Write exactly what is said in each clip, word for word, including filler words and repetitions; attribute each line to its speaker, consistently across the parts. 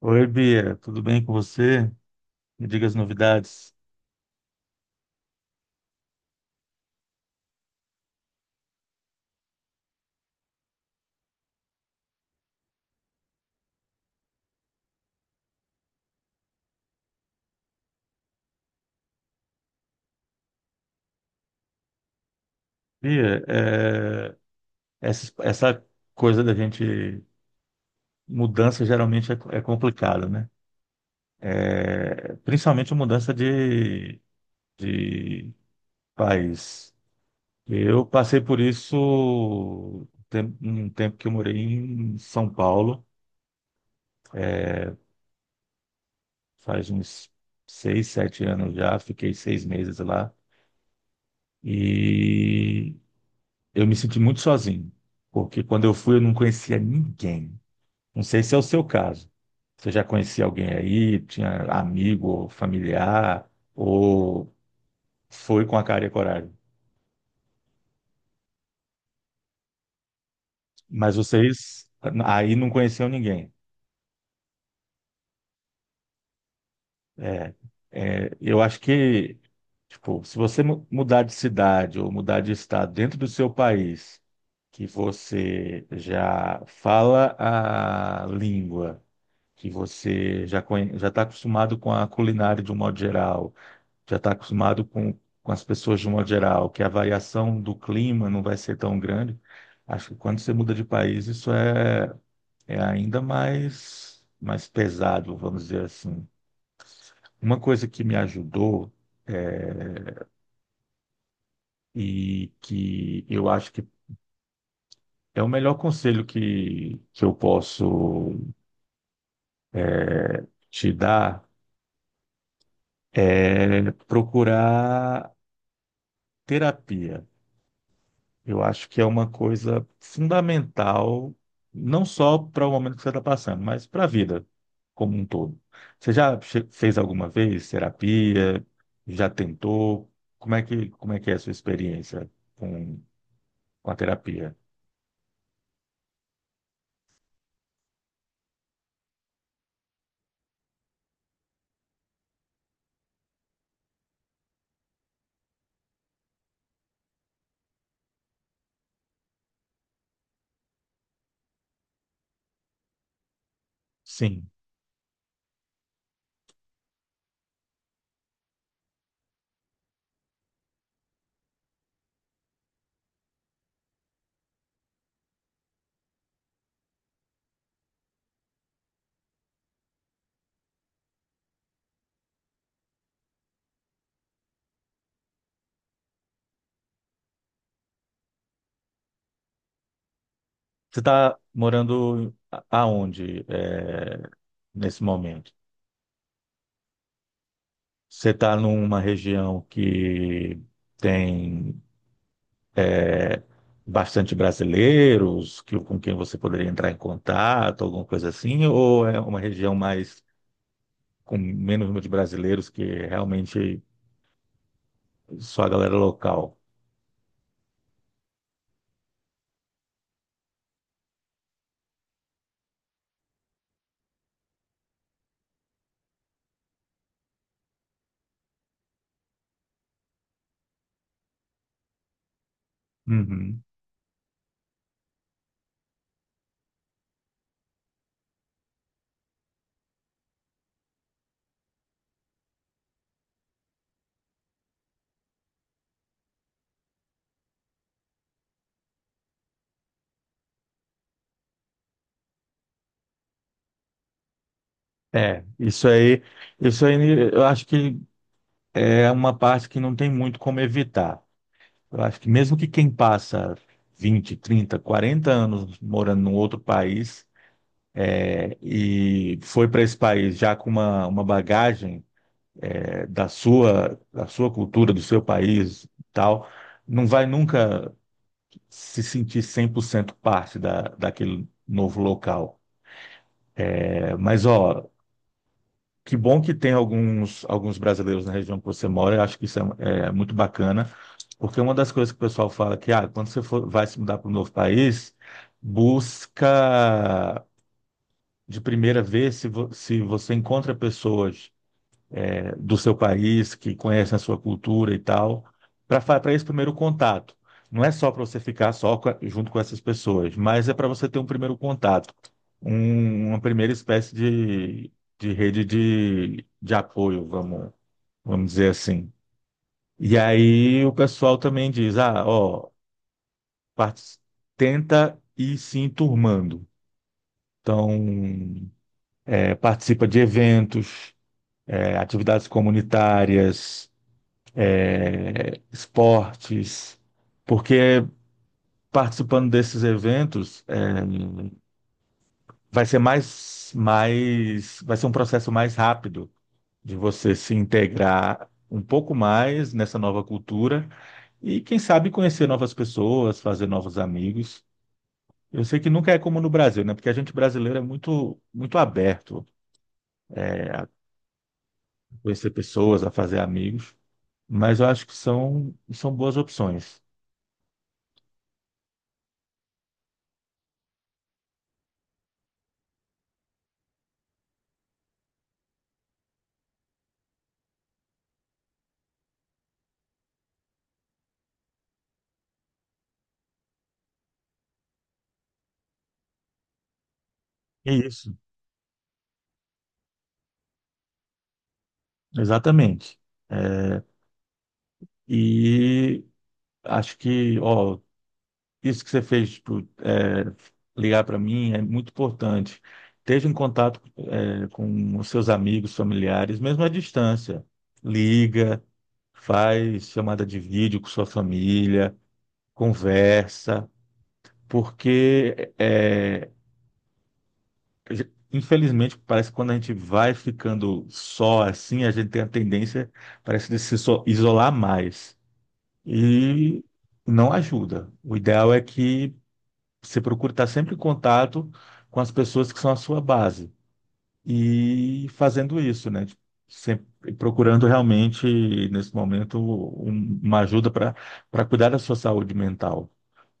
Speaker 1: Oi, Bia, tudo bem com você? Me diga as novidades. Bia, é, essa, essa coisa da gente, mudança geralmente é, é complicada, né? É, principalmente mudança de, de país. Eu passei por isso tem- um tempo que eu morei em São Paulo, é, faz uns seis, sete anos já, fiquei seis meses lá. E Eu me senti muito sozinho, porque quando eu fui eu não conhecia ninguém. Não sei se é o seu caso. Você já conhecia alguém aí, tinha amigo, ou familiar, ou foi com a cara e a coragem. Mas vocês aí não conheciam ninguém. É, é, eu acho que, tipo, se você mu- mudar de cidade ou mudar de estado dentro do seu país, que você já fala a língua que você já conhe... já está acostumado com a culinária de um modo geral, já está acostumado com, com as pessoas de um modo geral, que a variação do clima não vai ser tão grande. Acho que quando você muda de país, isso é, é ainda mais, mais pesado, vamos dizer assim. Uma coisa que me ajudou eh, e que eu acho que é o melhor conselho que, que eu posso te dar é procurar terapia. Eu acho que é uma coisa fundamental, não só para o momento que você está passando, mas para a vida como um todo. Você já che- fez alguma vez terapia? Já tentou? Como é que, como é que é a sua experiência com, com a terapia? Sim. Você está morando a- aonde, é, nesse momento? Você está numa região que tem, é, bastante brasileiros que, com quem você poderia entrar em contato, alguma coisa assim, ou é uma região mais com menos número de brasileiros que realmente só a galera local? Uhum. É, isso aí, isso aí eu acho que é uma parte que não tem muito como evitar. Eu acho que mesmo que quem passa vinte trinta quarenta anos morando num outro país, é, e foi para esse país já com uma, uma bagagem da sua, da sua cultura, do seu país, e tal, não vai nunca se sentir cem por cento parte da, daquele novo local. É, mas, ó, que bom que tem alguns, alguns brasileiros na região que você mora, eu acho que isso é, é muito bacana, porque uma das coisas que o pessoal fala que, ah, quando você for, vai se mudar para um novo país, busca de primeira vez se, vo- se você encontra pessoas do seu país, que conhecem a sua cultura e tal, para esse primeiro contato. Não é só para você ficar só co- junto com essas pessoas, mas é para você ter um primeiro contato, um- uma primeira espécie de, de rede de, de apoio, vamos, vamos dizer assim. E aí o pessoal também diz, ah, ó, parti- tenta ir se enturmando. Então, é, participa de eventos, é, atividades comunitárias, é, esportes, porque participando desses eventos, eh, vai ser mais, mais, vai ser um processo mais rápido de você se integrar um pouco mais nessa nova cultura e quem sabe conhecer novas pessoas, fazer novos amigos. Eu sei que nunca é como no Brasil, né? Porque a gente brasileiro é muito, muito aberto, eh, a conhecer pessoas, a fazer amigos, mas eu acho que são, são boas opções. É isso, exatamente. Eh, E acho que, ó, isso que você fez, tipo, é, ligar para mim é muito importante. Esteja em contato, é, com os seus amigos, familiares, mesmo à distância. Liga, faz chamada de vídeo com sua família, conversa, porque, é, infelizmente, parece que quando a gente vai ficando só assim, a gente tem a tendência, parece, de se so- isolar mais, e não ajuda. O ideal é que você procure estar sempre em contato com as pessoas que são a sua base e fazendo isso, né? Tipo, sempre procurando realmente, nesse momento, um- uma ajuda para para cuidar da sua saúde mental,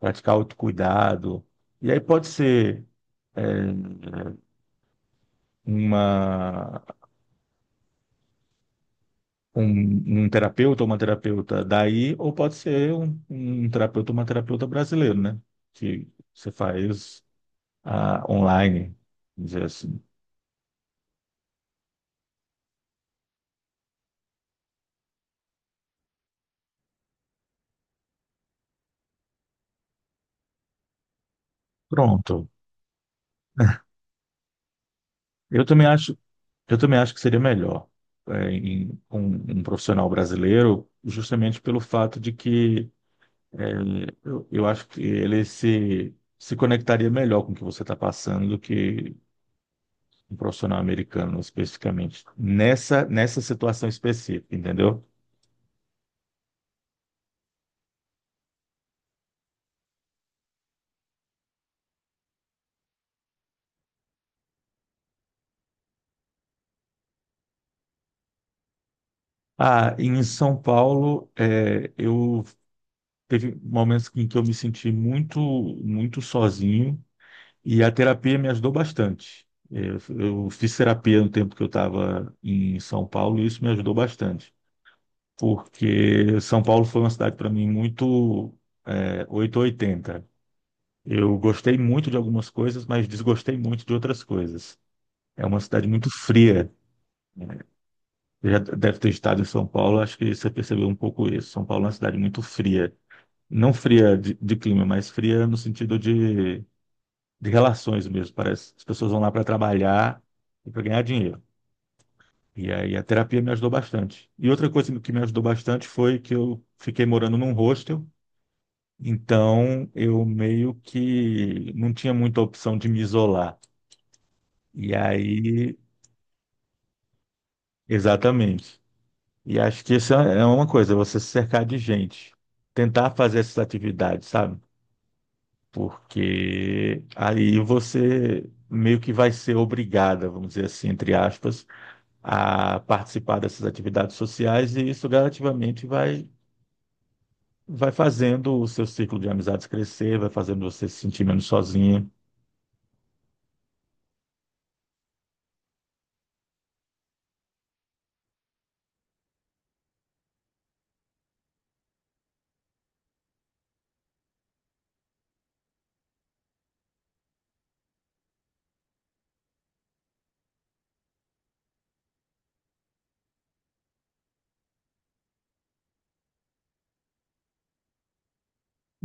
Speaker 1: praticar autocuidado. E aí pode ser, é, uma, um, um terapeuta ou uma terapeuta daí, ou pode ser um, um terapeuta ou uma terapeuta brasileiro, né? Que você faz, ah, online, vamos dizer assim. Pronto. Eu também acho, eu também acho que seria melhor, é, em- com um profissional brasileiro, justamente pelo fato de que, é, eu, eu acho que ele se, se conectaria melhor com o que você está passando do que um profissional americano especificamente, nessa, nessa situação específica, entendeu? Ah, em São Paulo, é, eu, teve momentos em que eu me senti muito, muito sozinho. E a terapia me ajudou bastante. Eu, eu fiz terapia no tempo que eu estava em São Paulo e isso me ajudou bastante, porque São Paulo foi uma cidade para mim muito, é, oitocentos e oitenta. Eu gostei muito de algumas coisas, mas desgostei muito de outras coisas. É uma cidade muito fria, né? Você já deve ter estado em São Paulo, acho que você percebeu um pouco isso. São Paulo é uma cidade muito fria. Não fria de, de clima, mas fria no sentido de de relações mesmo. Parece que as pessoas vão lá para trabalhar e para ganhar dinheiro. E aí a terapia me ajudou bastante. E outra coisa que me ajudou bastante foi que eu fiquei morando num hostel, então eu meio que não tinha muita opção de me isolar. E aí, exatamente. E acho que isso é é uma coisa, você se cercar de gente, tentar fazer essas atividades, sabe? Porque aí você meio que vai ser obrigada, vamos dizer assim, entre aspas, a participar dessas atividades sociais e isso gradativamente vai, vai fazendo o seu ciclo de amizades crescer, vai fazendo você se sentir menos sozinha.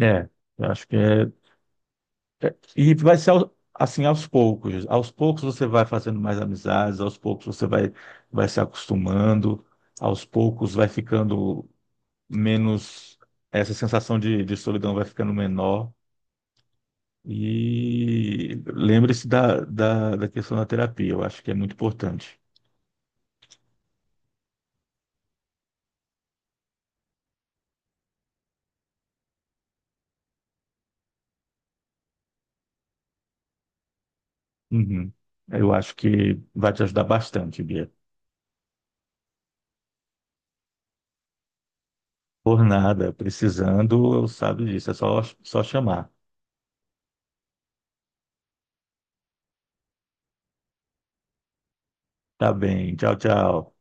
Speaker 1: É, eu acho que é. é- E vai ser ao- assim aos poucos. Aos poucos você vai fazendo mais amizades, aos poucos você vai, vai se acostumando, aos poucos vai ficando menos. Essa sensação de, de solidão vai ficando menor. E lembre-se da, da, da questão da terapia, eu acho que é muito importante. Uhum. Eu acho que vai te ajudar bastante, Bia. Por nada, precisando, sabe disso, é só, só chamar. Tá bem, tchau, tchau.